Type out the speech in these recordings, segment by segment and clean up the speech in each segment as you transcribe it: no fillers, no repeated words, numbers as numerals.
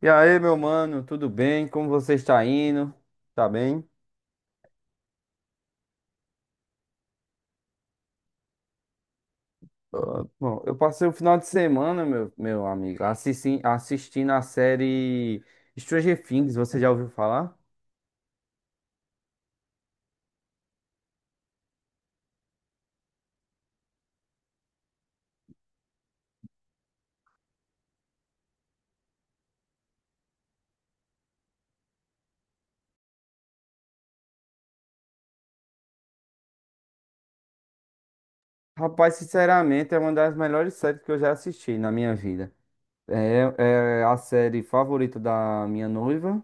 E aí, meu mano, tudo bem? Como você está indo? Tá bem? Bom, eu passei o final de semana, meu amigo, assistindo a série Stranger Things, você já ouviu falar? Rapaz, sinceramente, é uma das melhores séries que eu já assisti na minha vida. É, é a série favorita da minha noiva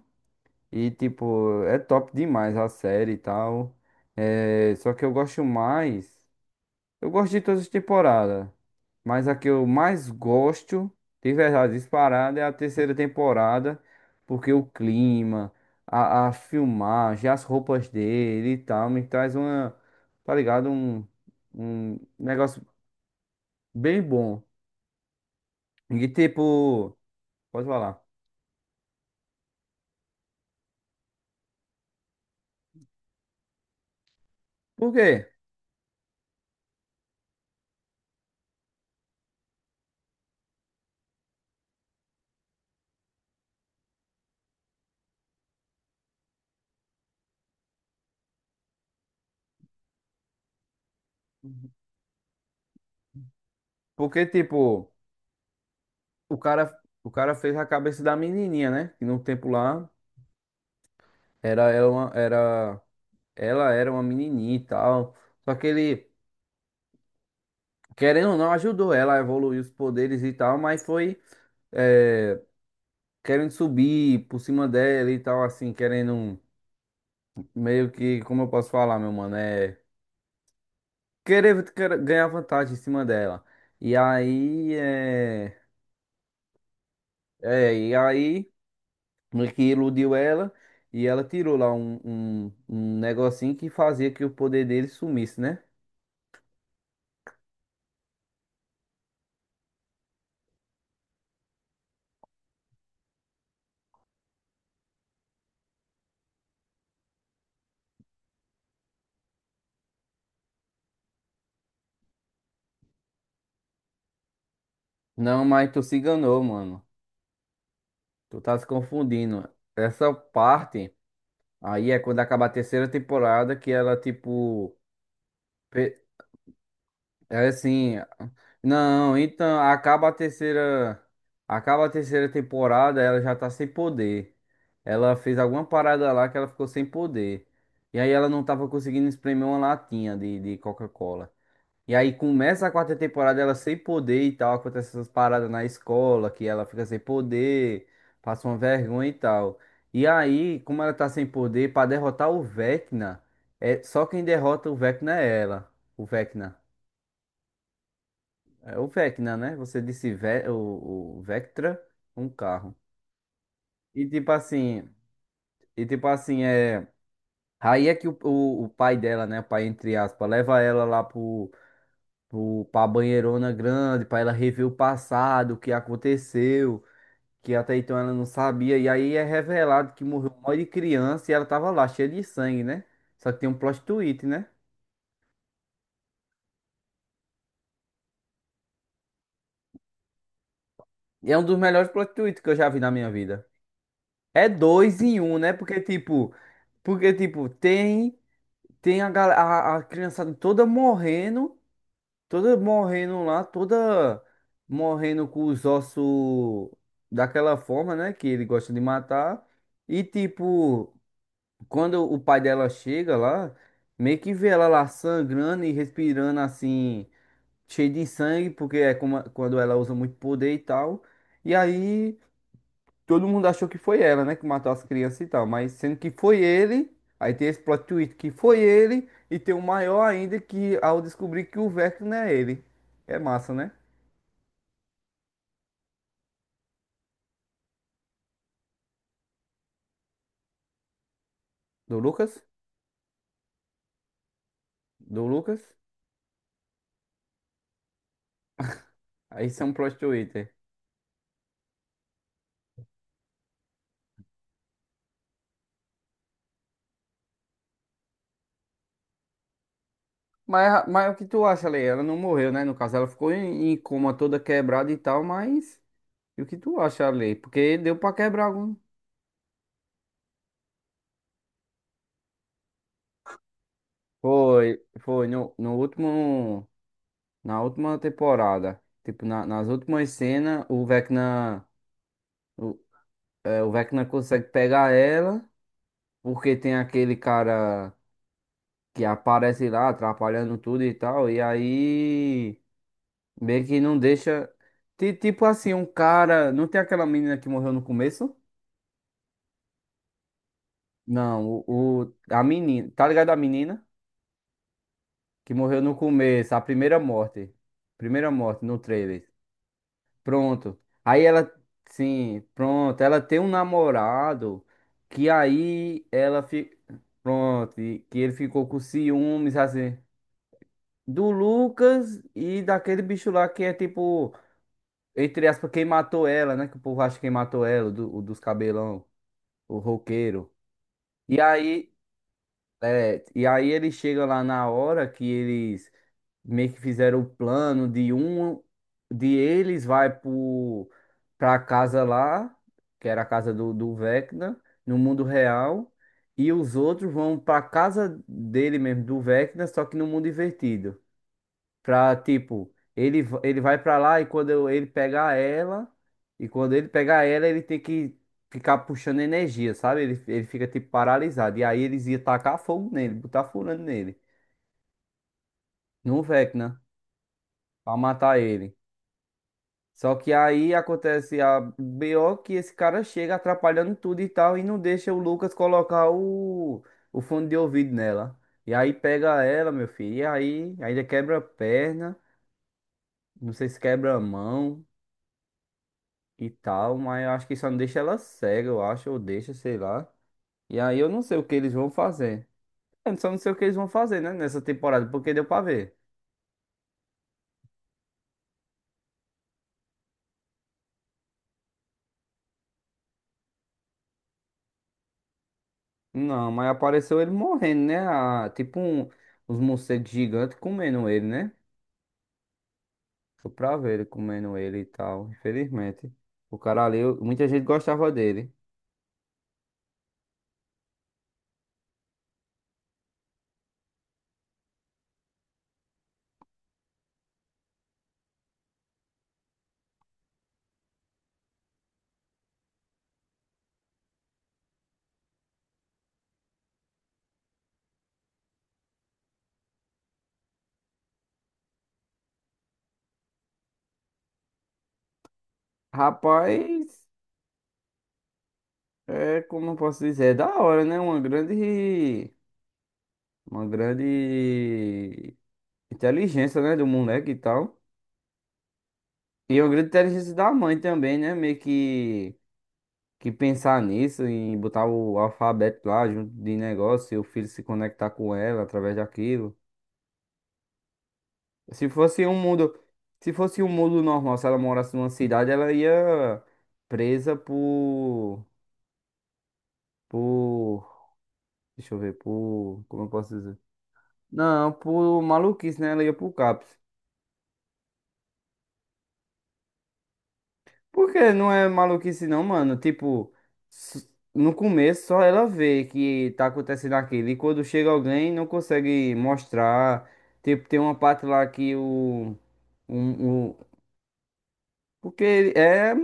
e, tipo, é top demais a série e tal. É, só que eu gosto mais. Eu gosto de todas as temporadas, mas a que eu mais gosto, de verdade, disparada, é a terceira temporada, porque o clima, a filmagem, as roupas dele e tal, me traz uma, tá ligado? Um negócio bem bom. E tipo, pode falar. Por quê? Porque, tipo, o cara, o cara fez a cabeça da menininha, né? Que no tempo lá era ela, ela era uma menininha e tal. Só que ele. Querendo ou não, ajudou ela a evoluir os poderes e tal, mas foi é, querendo subir por cima dela e tal, assim, querendo um, meio que, como eu posso falar, meu mano, é querer, querer ganhar vantagem em cima dela. E aí, é, é, e aí, meio que iludiu ela e ela tirou lá um, um negocinho que fazia que o poder dele sumisse, né? Não, mas tu se enganou, mano. Tu tá se confundindo. Essa parte. Aí é quando acaba a terceira temporada que ela, tipo. pe- É assim. Não, então acaba a terceira. Acaba a terceira temporada, ela já tá sem poder. Ela fez alguma parada lá que ela ficou sem poder. E aí ela não tava conseguindo espremer uma latinha de Coca-Cola. E aí começa a quarta temporada ela sem poder e tal, acontece essas paradas na escola, que ela fica sem poder, passa uma vergonha e tal. E aí, como ela tá sem poder, pra derrotar o Vecna, é só quem derrota o Vecna é ela. O Vecna. É o Vecna, né? Você disse Ve o Vectra, um carro. E tipo assim, e tipo assim, é. Aí é que o pai dela, né? O pai, entre aspas, leva ela lá Pro, pra banheirona grande, pra ela rever o passado, o que aconteceu, que até então ela não sabia. E aí é revelado que morreu um monte de criança e ela tava lá, cheia de sangue, né? Só que tem um plot twist, né? E é um dos melhores plot twists que eu já vi na minha vida. É dois em um, né? Porque, tipo, tem, tem a, a criançada toda morrendo. Toda morrendo lá, toda morrendo com os ossos daquela forma, né? Que ele gosta de matar. E tipo, quando o pai dela chega lá, meio que vê ela lá sangrando e respirando assim, cheio de sangue, porque é como- quando ela usa muito poder e tal. E aí todo mundo achou que foi ela, né, que matou as crianças e tal, mas sendo que foi ele, aí tem esse plot twist que foi ele, e tem o maior ainda que ao descobrir que o Vecna não é ele. É massa, né? Do Lucas? Do Lucas? Aí são plot twist. É. Mas o que tu acha, Lei? Ela não morreu, né? No caso, ela ficou em, em coma toda quebrada e tal, mas. E o que tu acha, Lei? Porque deu pra quebrar algum. Foi, foi. No, no último. Na última temporada. Tipo, nas últimas cenas, o Vecna. o, É, o Vecna consegue pegar ela, porque tem aquele cara que aparece lá atrapalhando tudo e tal, e aí meio que não deixa. Tipo assim, um cara. Não tem aquela menina que morreu no começo? Não, a menina. Tá ligado a menina? Que morreu no começo, a primeira morte. Primeira morte no trailer. Pronto. Aí ela, sim, pronto. Ela tem um namorado que aí ela fica. Pronto, e que ele ficou com ciúmes, assim, do Lucas e daquele bicho lá que é tipo, entre aspas, quem matou ela, né? Que o povo acha que quem matou ela, do, o dos cabelão, o roqueiro. E aí, É, e aí ele chega lá na hora que eles meio que fizeram o plano de um de eles vai pro, pra casa lá, que era a casa do, do Vecna, no mundo real, e os outros vão pra casa dele mesmo, do Vecna, só que no mundo invertido. Pra, tipo, ele, ele vai pra lá e ele pegar ela, e quando ele pegar ela, ele tem que ficar puxando energia, sabe? Ele fica, tipo, paralisado. E aí eles iam tacar fogo nele, botar furando nele, no Vecna, pra matar ele. Só que aí acontece a BO que esse cara chega atrapalhando tudo e tal, e não deixa o Lucas colocar o fone de ouvido nela. E aí pega ela, meu filho, e aí ainda quebra a perna, não sei se quebra a mão. E tal, mas eu acho que só não deixa ela cega, eu acho, ou deixa, sei lá. E aí eu não sei o que eles vão fazer. Eu só não sei o que eles vão fazer, né, nessa temporada, porque deu pra ver. Não, mas apareceu ele morrendo, né? Tipo um, os morcegos gigantes comendo ele, né? Foi pra ver ele comendo ele e tal, infelizmente. O cara ali, muita gente gostava dele. Rapaz, é como eu posso dizer, é da hora, né? Uma grande. Uma grande inteligência, né? Do moleque e tal. E o grito de inteligência da mãe também, né? Meio que pensar nisso, e botar o alfabeto lá junto de negócio e o filho se conectar com ela através daquilo. Se fosse um mundo, se fosse um mundo normal, se ela morasse numa cidade, ela ia presa por, deixa eu ver, por, como eu posso dizer? Não, por maluquice, né? Ela ia pro CAPS. Porque não é maluquice não, mano. Tipo, s- no começo só ela vê que tá acontecendo aquilo. E quando chega alguém não consegue mostrar. Tipo, tem uma parte lá que o. Um, o porque ele é.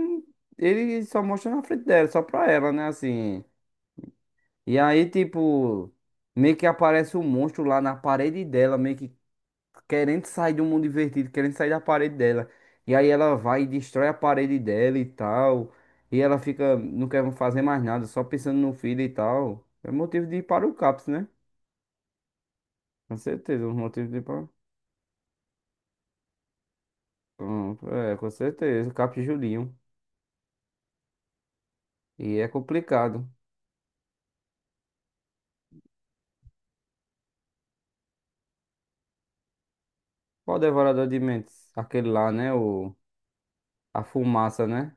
Ele só mostra na frente dela, só pra ela, né? Assim. E aí, tipo, meio que aparece um monstro lá na parede dela, meio que querendo sair do mundo invertido, querendo sair da parede dela. E aí ela vai e destrói a parede dela e tal. E ela fica, não quer fazer mais nada, só pensando no filho e tal. É motivo de ir para o CAPS, né? Com certeza, um motivo de ir para. Pronto, é, com certeza, CAPS e Julinho. E é complicado. Qual o devorador de mentes? Aquele lá, né? O, a fumaça, né?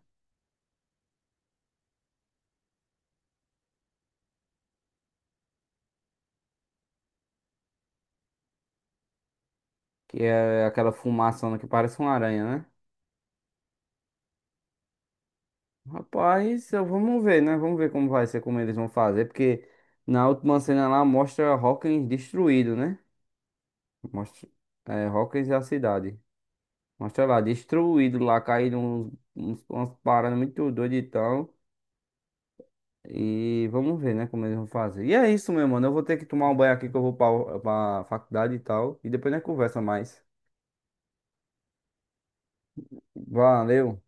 Que é aquela fumaçona que parece uma aranha, né? Rapaz, vamos ver, né? Vamos ver como vai ser, como eles vão fazer, porque na última cena lá mostra Hawkins destruído, né? Mostra, é, Hawkins é a cidade. Mostra lá, destruído lá, caído uns, uns, umas paradas muito doidas e tal. E vamos ver, né, como eles vão fazer. E é isso, meu mano. Eu vou ter que tomar um banho aqui que eu vou pra, pra faculdade e tal. E depois nós conversa mais. Valeu.